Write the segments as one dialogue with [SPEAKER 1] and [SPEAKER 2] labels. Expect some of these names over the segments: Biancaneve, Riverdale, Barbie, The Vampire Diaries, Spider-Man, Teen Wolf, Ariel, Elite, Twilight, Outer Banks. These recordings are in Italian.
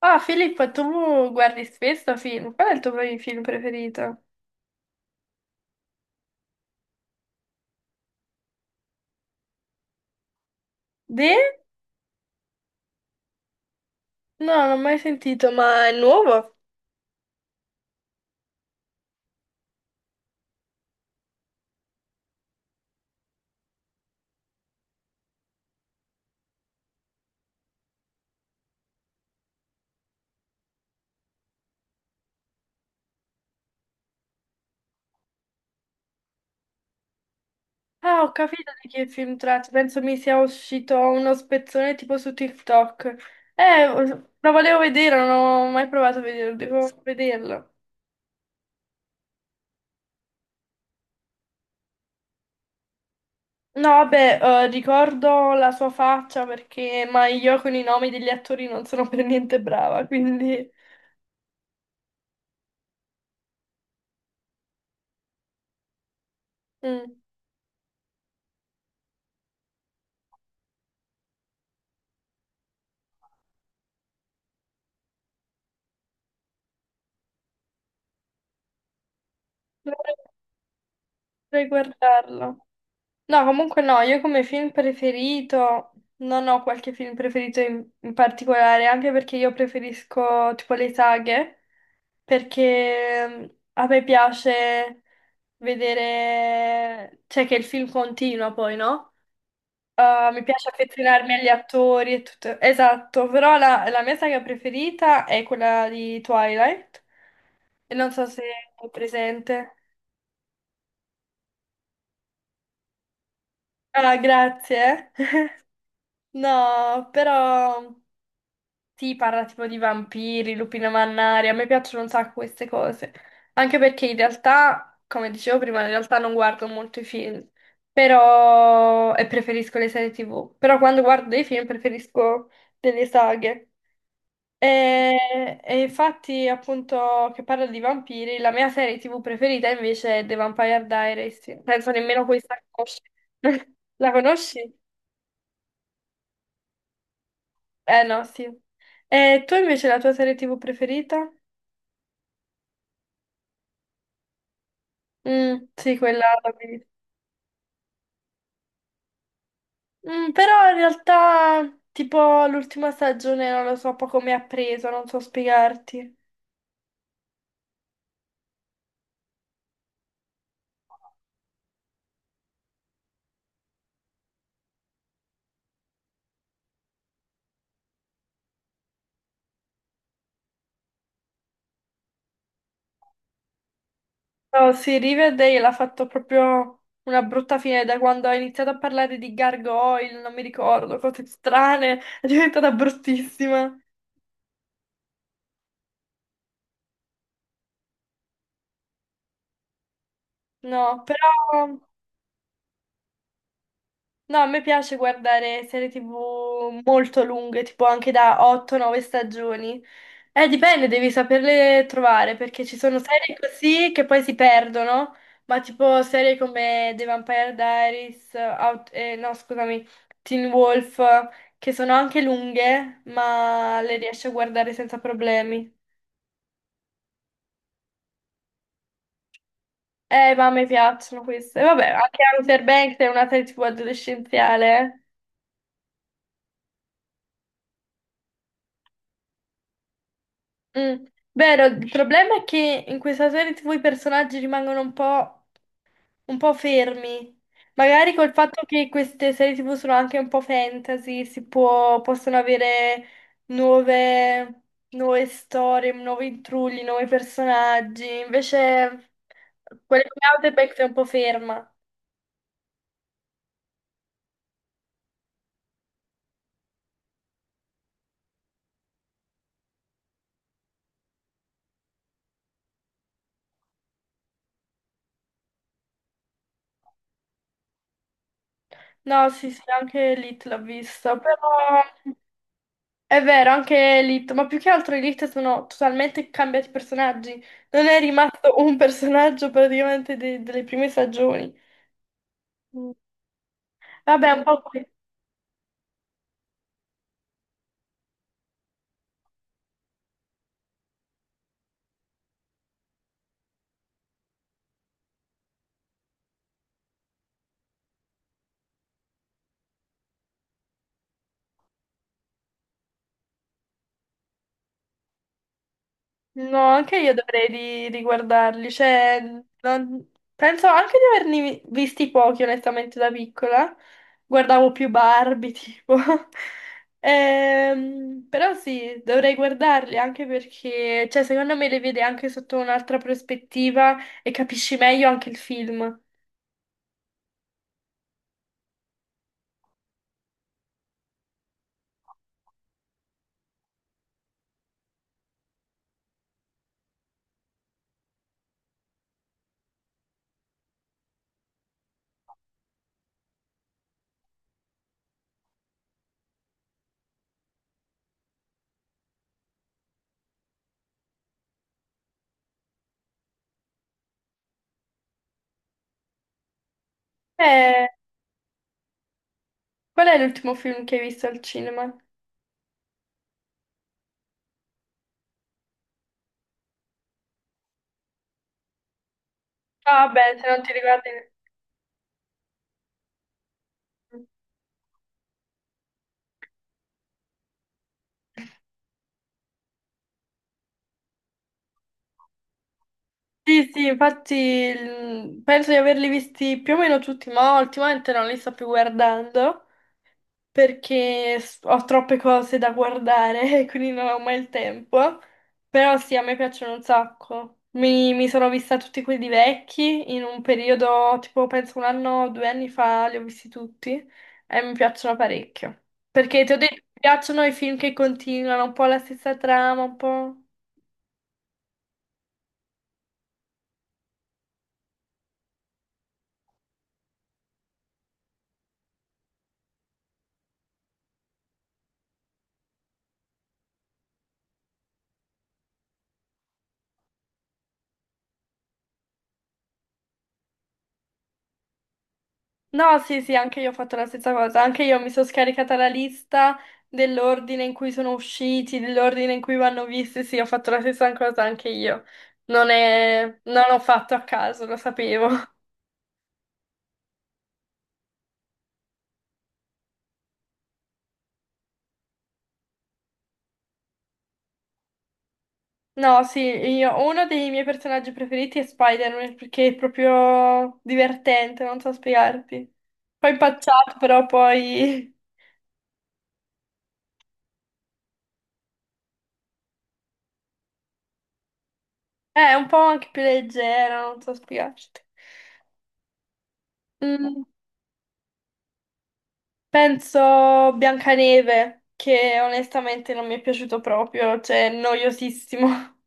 [SPEAKER 1] Ah, Filippo, tu guardi spesso film? Qual è il tuo film preferito? De? No, non ho mai sentito, ma è nuovo? Ah, ho capito di che film tratti. Penso mi sia uscito uno spezzone tipo su TikTok. Eh, lo volevo vedere, non ho mai provato a vederlo, devo vederlo. No, vabbè, ricordo la sua faccia perché, ma io con i nomi degli attori non sono per niente brava, quindi mm. dovrei dovrei guardarlo. No, comunque no, io come film preferito non ho qualche film preferito in particolare, anche perché io preferisco tipo le saghe, perché a me piace vedere, cioè che il film continua poi, no? Mi piace affezionarmi agli attori e tutto. Esatto, però la mia saga preferita è quella di Twilight, e non so se è presente. Ah, grazie. No, però... Sì, parla tipo di vampiri, lupine mannari, a me piacciono un sacco queste cose. Anche perché in realtà, come dicevo prima, in realtà non guardo molto i film, però... e preferisco le serie TV. Però quando guardo dei film preferisco delle saghe. E, e infatti, appunto, che parla di vampiri, la mia serie TV preferita invece è The Vampire Diaries. Penso nemmeno questa la conosci. La conosci? Eh no, sì. E tu invece la tua serie TV preferita? Mm, sì, quella l'ho vista. Mm, però in realtà, tipo, l'ultima stagione non lo so poco mi ha preso, non so spiegarti. No, sì, Riverdale ha fatto proprio una brutta fine da quando ha iniziato a parlare di gargoyle, non mi ricordo, cose strane, è diventata bruttissima. No, però no, a me piace guardare serie TV molto lunghe, tipo anche da 8-9 stagioni. Dipende, devi saperle trovare, perché ci sono serie così che poi si perdono, ma tipo serie come The Vampire Diaries, Out- no, scusami, Teen Wolf, che sono anche lunghe, ma le riesci a guardare senza problemi. Ma a me piacciono queste. E vabbè, anche Outer Banks è una serie TV adolescenziale, eh. Mm. Vero, il problema è che in questa serie TV i personaggi rimangono un po' fermi. Magari col fatto che queste serie TV sono anche un po' fantasy, possono avere nuove, nuove storie, nuovi intrulli, nuovi personaggi. Invece quelle come Outback è un po' ferma. No, sì, sì, anche Elite l'ho vista, però... È vero, anche Elite, ma più che altro Elite sono totalmente cambiati personaggi. Non è rimasto un personaggio praticamente delle prime stagioni. Mm. Vabbè, un po' qui. No, anche io riguardarli, cioè, penso anche di visti pochi, onestamente, da piccola. Guardavo più Barbie, tipo. Però sì, dovrei guardarli anche perché, cioè, secondo me le vede anche sotto un'altra prospettiva e capisci meglio anche il film. Eh, qual è l'ultimo film che hai visto al cinema? Ah, beh, se non ti ricordi... Sì, sì, infatti penso di averli visti più o meno tutti, ma ultimamente non li sto più guardando perché ho troppe cose da guardare e quindi non ho mai il tempo. Però sì, a me piacciono un sacco. Mi sono vista tutti quelli vecchi in un periodo, tipo penso un anno o due anni fa, li ho visti tutti e mi piacciono parecchio. Perché ti ho detto, mi piacciono i film che continuano un po' la stessa trama, un po'. No, sì, sì, anche io ho fatto la stessa cosa. Anche io mi sono scaricata la lista dell'ordine in cui sono usciti, dell'ordine in cui vanno visti. Sì, ho fatto la stessa cosa anche io. Non è... non l'ho fatto a caso, lo sapevo. No, sì, io... uno dei miei personaggi preferiti è Spider-Man perché è proprio divertente, non so spiegarti. Poi impacciato, però poi è un po' anche più leggero, non so spiegarti. Mm. Penso Biancaneve, che onestamente non mi è piaciuto proprio, cioè noiosissimo.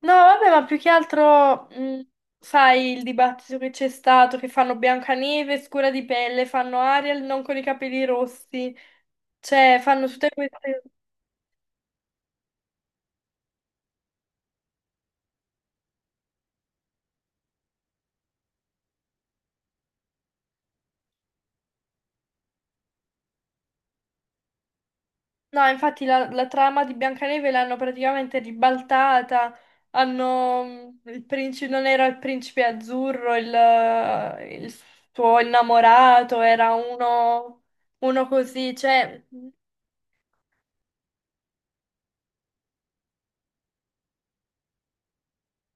[SPEAKER 1] No, vabbè, ma più che altro, sai, il dibattito che c'è stato, che fanno Biancaneve scura di pelle, fanno Ariel non con i capelli rossi, cioè fanno tutte queste... No, infatti la trama di Biancaneve l'hanno praticamente ribaltata, hanno, il principe, non era il principe azzurro, il suo innamorato, era uno, uno così, cioè, mm,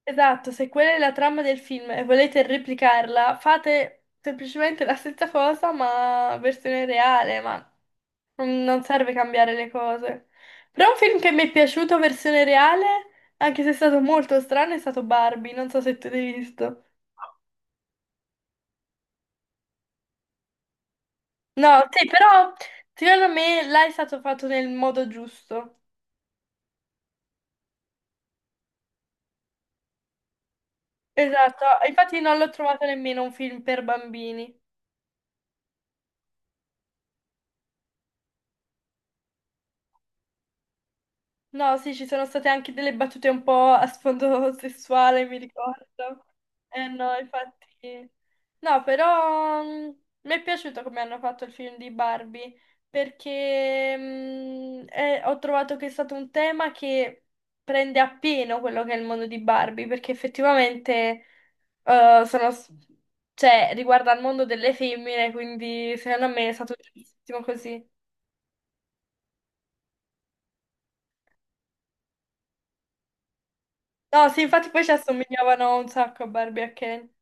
[SPEAKER 1] esatto, se quella è la trama del film e volete replicarla, fate semplicemente la stessa cosa ma versione reale, ma non serve cambiare le cose. Però un film che mi è piaciuto, versione reale, anche se è stato molto strano, è stato Barbie. Non so se tu l'hai visto. No, sì, però secondo me là è stato fatto nel modo giusto. Esatto, infatti non l'ho trovato nemmeno un film per bambini. No, sì, ci sono state anche delle battute un po' a sfondo sessuale, mi ricordo. Eh no, infatti. No, però mi è piaciuto come hanno fatto il film di Barbie, perché ho trovato che è stato un tema che prende appieno quello che è il mondo di Barbie, perché effettivamente eh, sono, s- cioè, riguarda il mondo delle femmine, quindi secondo me è stato giustissimo così. No, sì, infatti poi ci assomigliavano un sacco a Barbie e a Ken.